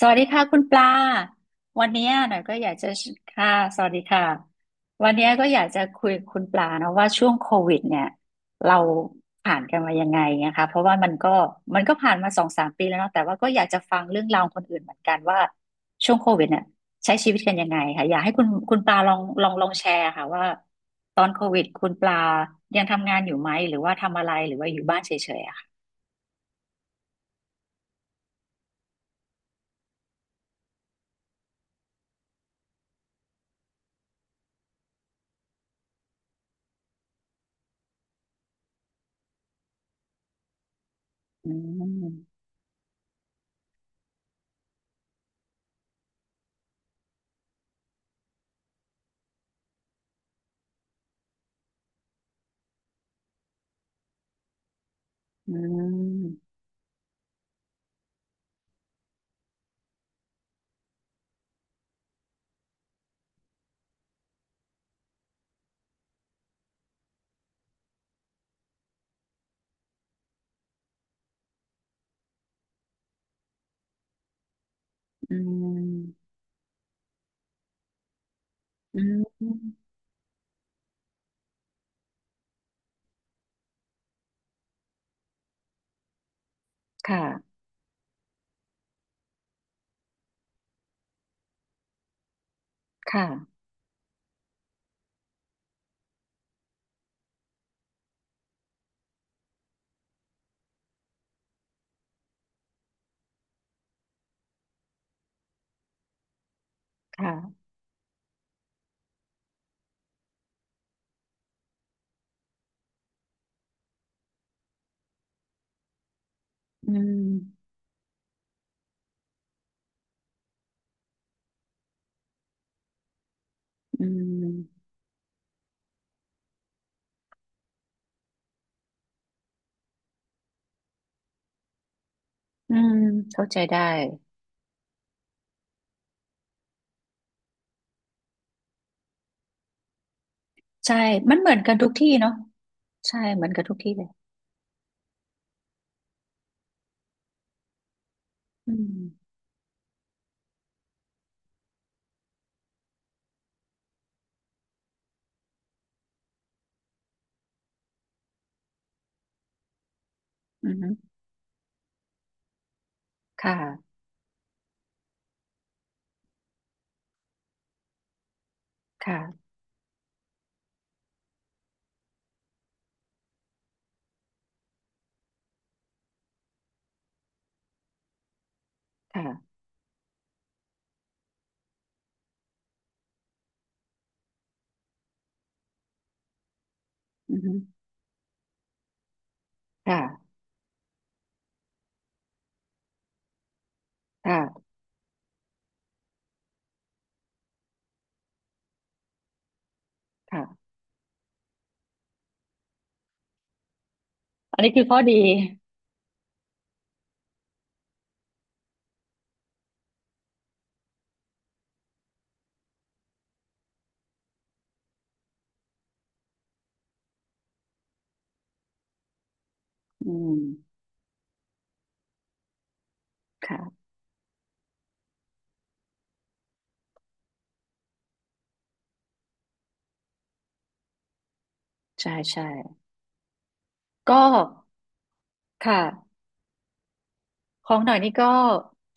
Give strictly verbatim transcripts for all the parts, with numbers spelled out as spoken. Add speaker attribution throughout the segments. Speaker 1: สวัสดีค่ะคุณปลา วันเนี้ยหน่อยก็อยากจะค่ะสวัสดีค่ะ วันเนี้ยก็อยากจะคุยกับคุณปลานะว่าช่วงโควิดเนี่ยเราผ่านกันมายังไงนะคะเพราะว่ามันก็มันก็ผ่านมาสองสามปีแล้วเนาะแต่ว่าก็อยากจะฟังเรื่องราวคนอื่นเหมือนกันว่าช่วงโควิดเนี่ยใช้ชีวิตกันยังไงค่ะอยากให้คุณคุณปลาลองลองลองแชร์ค่ะว่าตอนโควิดคุณปลายังทำงานอยู่ไหมหรือว่าทำอะไรหรือว่าอยู่บ้านเฉยๆอะค่ะอืมอืมอืม อืมค่ะ ค่ะค่ะอืมอืมอืมเข้าใจได้ใช่มันเหมือนกันทุกที่เนาะใช่เหมือนกันทุกที่เลยอืมอืมค่ะค่ะค่ะอืมค่ะค่ะค่ะอันนี้คือข้อดีอืมค่ะใช่ใช่ก็ค่ะของหน่อยนี่ก็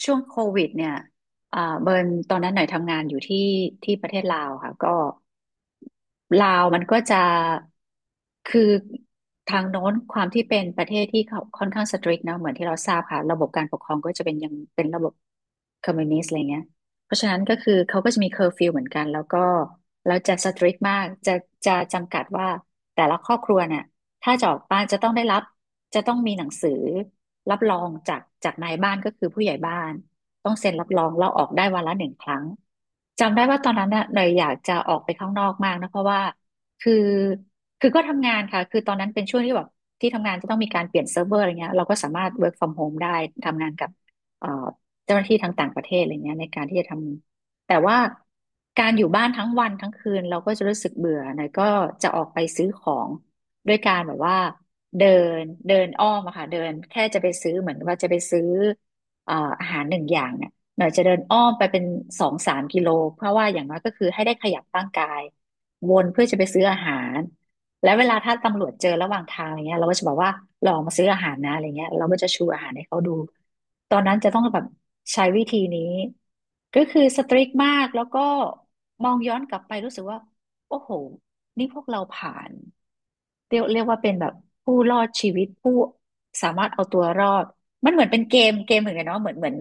Speaker 1: ช่วงโควิดเนี่ยอ่าเบิร์นตอนนั้นหน่อยทำงานอยู่ที่ที่ประเทศลาวค่ะก็ ลาวมันก็จะคือทางโน้นความที่เป็นประเทศที่เขาค่อนข้างสตริกนะเหมือนที่เราทราบค่ะระบบการปกครองก็จะเป็นยังเป็นระบบคอมมิวนิสต์อะไรเงี้ยเพราะฉะนั้นก็คือเขาก็จะมีเคอร์ฟิวเหมือนกันแล้วก็เราจะสตริกมากจะจะจำกัดว่าแต่ละครอบครัวเนี่ยถ้าจะออกบ้านจะต้องได้รับจะต้องมีหนังสือรับรองจากจากนายบ้านก็คือผู้ใหญ่บ้าน ต้องเซ็นรับรองเราออกได้วันละหนึ่งครั้งจำได้ว่าตอนนั้นน่ะเนยอยากจะออกไปข้างนอกมากนะเพราะว่าคือคือก็ทำงานค่ะคือตอนนั้นเป็นช่วงที่แบบที่ทำงานจะต้องมีการเปลี่ยนเซิร์ฟเวอร์อะไรเงี้ยเราก็สามารถ work from home ได้ทำงานกับเอ่อเจ้าหน้าที่ทางต่างประเทศอะไรเงี้ยในการที่จะทำแต่ว่าการอยู่บ้านทั้งวันทั้งคืนเราก็จะรู้สึกเบื่อเนยก็จะออกไปซื้อของด้วยการแบบว่าเดินเดินอ้อมอะค่ะเดินแค่จะไปซื้อเหมือนว่าจะไปซื้อ เอ่ออาหารหนึ่งอย่างเนี่ยหน่อยจะเดินอ้อมไปเป็นสองสามกิโลเพราะว่าอย่างน้อยก็คือให้ได้ขยับร่างกายวนเพื่อจะไปซื้ออาหารและเวลาถ้าตำรวจเจอระหว่างทางอะไรเงี้ยเราก็จะบอกว่าลองมาซื้ออาหารนะอะไรเงี้ยเราก็จะชูอาหารให้เขาดูตอนนั้นจะต้องแบบใช้วิธีนี้ก็คือสตริกมากแล้วก็มองย้อนกลับไปรู้สึกว่าโอ้โหนี่พวกเราผ่าน เรียกเรียกว่าเป็นแบบผู้รอดชีวิตผู้สามารถเอาตัวรอดมันเหมือนเป็นเกมเกมเหมือนกันเนาะเหมือนเหมือน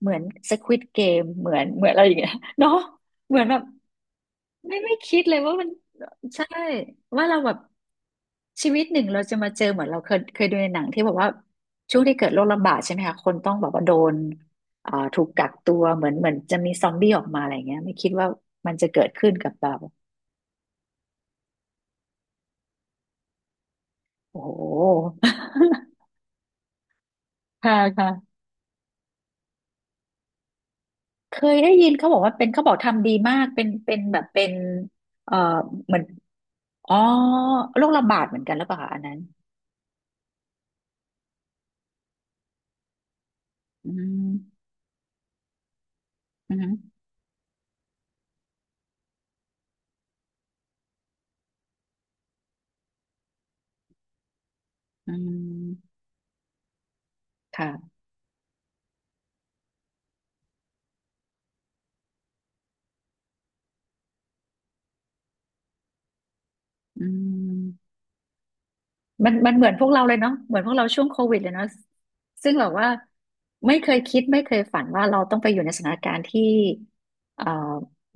Speaker 1: เหมือนสควิดเกมเหมือนเหมือนอะไรอย่างเงี้ย เนาะเหมือนแบบไม่ไม่คิดเลยว่ามันใช่ว่าเราแบบชีวิตหนึ่งเราจะมาเจอเหมือนเราเคยเคยดูในหนังที่บอกว่าช่วงที่เกิดโรคระบาดใช่ไหมคะคนต้องแบบว่าโดนอ่าถูกกักตัวเหมือนเหมือนจะมีซอมบี้ออกมาอะไรเงี้ยไม่คิดว่ามันจะเกิดขึ้นกับเราโอ้โห ค่ะค่ะ เคยได้ยินเขาบอกว่าเป็นเขาบอกทำดีมากเป็นเป็นแบบเป็นเอ่อเหมือนอ๋อโรคระบาดเหมือนกันหรือเปล่าคะอันนั้นอืมอืมอืมค่ะอืม มันมันเหมือนพวกเราเลยเนาะเหมือนพวกเราช่วงโควิดเลยเนาะซึ่งแบบว่าไม่เคยคิดไม่เคยฝันว่าเราต้องไปอยู่ในสถานการณ์ที่เอ่อ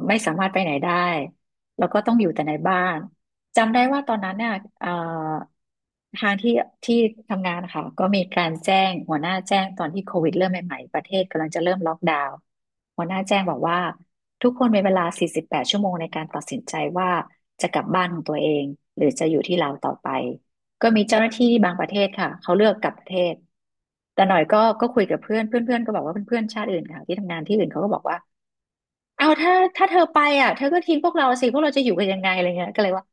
Speaker 1: ไม่สามารถไปไหนได้แล้วก็ต้องอยู่แต่ในบ้านจำได้ว่าตอนนั้นเนี่ยเอ่อทางที่ที่ทำงานค่ะก็มีการแจ้งหัวหน้าแจ้งตอนที่โควิดเริ่มใหม่ๆประเทศกำลังจะเริ่มล็อกดาวน์หัวหน้าแจ้งบอกว่าทุกคนมีเวลาสี่สิบแปดชั่วโมงในการตัดสินใจว่าจะกลับบ้านของตัวเองหรือจะอยู่ที่เราต่อไป ก็มีเจ้าหน้าที่บางประเทศค่ะเขาเลือกกลับประเทศแต่หน่อยก็ก็คุยกับเพื่อนเพื่อนเพื่อนก็บอกว่าเพื่อนๆชาติอื่นค่ะที่ทำงานที่อื่นเขาก็บอกว่าเอาถ้าถ้าเธอไปอ่ะเธอก็ทิ้งพวกเราสิพวกเราจะอยู่กันยังไงอะไรเงี้ยก็เลยว่า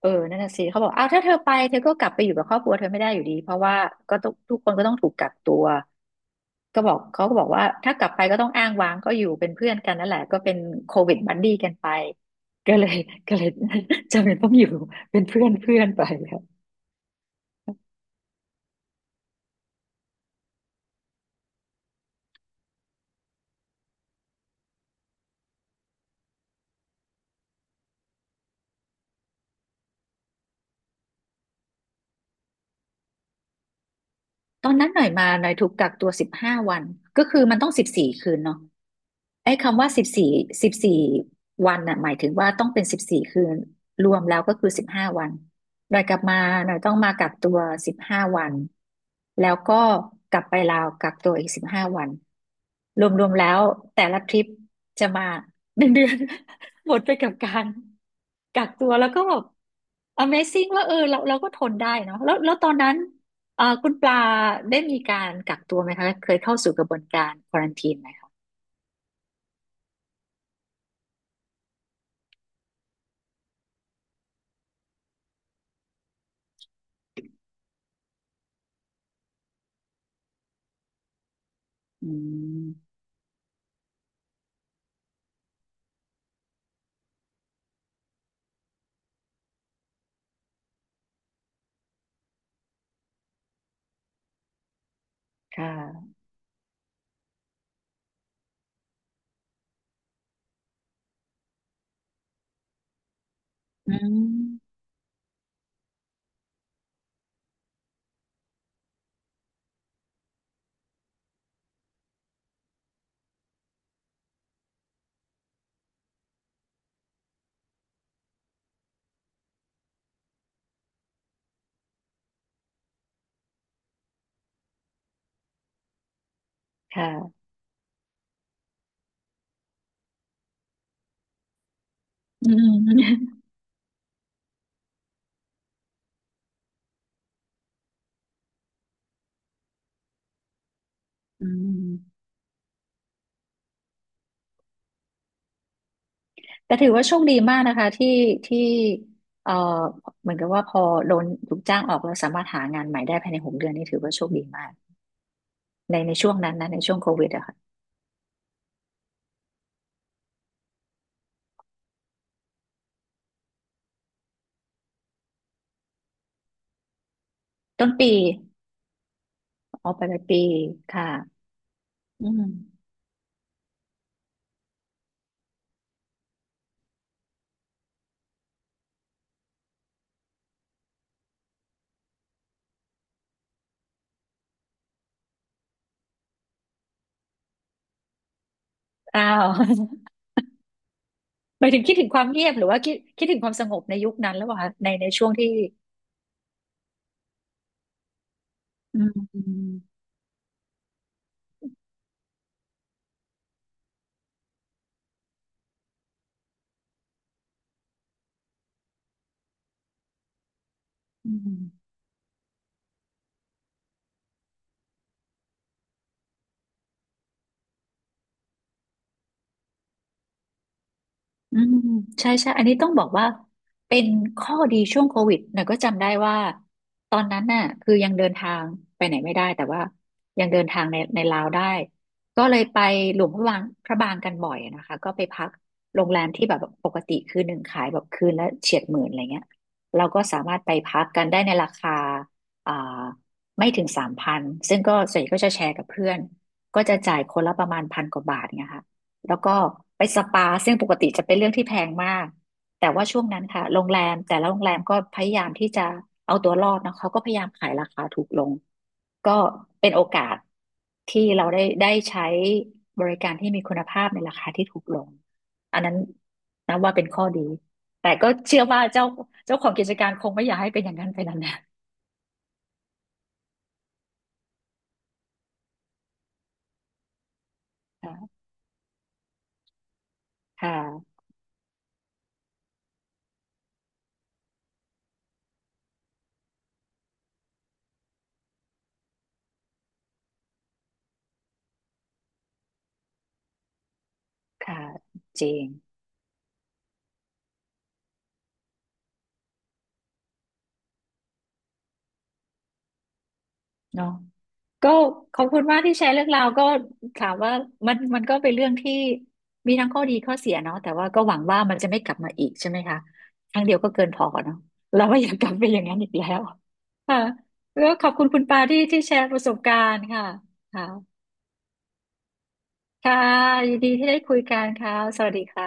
Speaker 1: เออนั่นน่ะสิเขาบอกเอาถ้าเธอไปเธอก็กลับไปอยู่กับครอบครัวเธอไม่ได้อยู่ดีเพราะว่าก็ต้องทุกคนก็ต้องถูกกักตัวก็บอกเขาก็บอกว่าถ้ากลับไปก็ต้องอ้างว้างก็อยู่เป็นเพื่อนกันนั่นแหละก็เป็นโควิดบัดดี้กันไปก็เลยก็เลย จำเป็นต้องอยู่เป็นเพื่อนเพื่อนไป ตอนนั้นหน่อยมาหน่อยถูกกักตัวสิบห้าวันก็คือมันต้องสิบสี่คืนเนาะ ไอ้คำว่าสิบสี่สิบสี่วันน่ะหมายถึงว่าต้องเป็นสิบสี่คืนรวมแล้วก็คือสิบห้าวันหน่อยกลับมาหน่อยต้องมากักตัวสิบห้าวันแล้วก็กลับไปลาวกักตัวอีกสิบห้าวันรวมๆแล้วแต่ละทริปจะมาหนึ่งเดือน หมดไปกับการกักตัวแล้วก็แบบ Amazing ว่าเออเราเราก็ทนได้เนาะแล้วแล้วตอนนั้นเอ่อคุณปลาได้มีการกักตัวไหมคะเคยเข้าสู่กระบวนการควอรันทีนไหมคะอืม ค่ะอืมค่ะอืมอืมแต่ถือว่าโชคดีมากนะคะที่ที่เอ่อเหมือนกับว่าพอโดนถูกจ้างออกแล้วสามารถหางานใหม่ได้ภายในหกเดือนนี่ถือว่าโชคดีมากในในช่วงนั้นนะในช่วงโควิดอะค่ะต้นปีออกไปลายปีค่ะอืมอ้าว หมายถึงคิดถึงความเงียบหรือว่าคิดคิดถึงความสงบในยุคนั้นแล้วเหรคะในในช่วงที่อืมอืมอืม อืมใช่ใช่ อันนี้ต้องบอกว่าเป็นข้อดีช่วงโควิดหน่อยก็จำได้ว่าตอนนั้นน่ะคือยังเดินทางไปไหนไม่ได้แต่ว่ายังเดินทางในในลาวได้ก็เลยไปหลวงพระบางพระบางกันบ่อยนะคะก็ไปพักโรงแรมที่แบบปกติคืนหนึ่งขายแบบคืนละเฉียดหมื่นอะไรเงี้ยเราก็สามารถไปพักกันได้ในราคาอ่าไม่ถึงสามพันซึ่งก็ส่วนใหญ่ก็จะแชร์กับเพื่อนก็จะจ่ายคนละประมาณพันกว่าบาทเงี้ยค่ะ แล้วก็ไปสปาซึ่งปกติจะเป็นเรื่องที่แพงมากแต่ว่าช่วงนั้นค่ะโรงแรมแต่ละโรงแรมก็พยายามที่จะเอาตัวรอดนะเขาก็พยายามขายราคาถูกลงก็เป็นโอกาสที่เราได้ได้ใช้บริการที่มีคุณภาพในราคาที่ถูกลงอันนั้นนับว่าเป็นข้อดีแต่ก็เชื่อว่าเจ้าเจ้าของกิจการคงไม่อยากให้เป็นอย่างนั้นไปนานๆค่ะค่ะค่ะจริง เนาะก็ขอบคุณมากที่แชร์เรื่องราวก็ถามว่ามันมันก็เป็นเรื่องที่มีทั้งข้อดีข้อเสียเนาะแต่ว่าก็หวังว่ามันจะไม่กลับมาอีกใช่ไหมคะครั้งเดียวก็เกินพอเนาะเราไม่อยากกลับไปอย่างนั้นอีกแล้วค่ะแล้วขอบคุณคุณปาที่ที่แชร์ประสบการณ์ค่ะค่ะค่ะยินดีที่ได้คุยกันค่ะสวัสดีค่ะ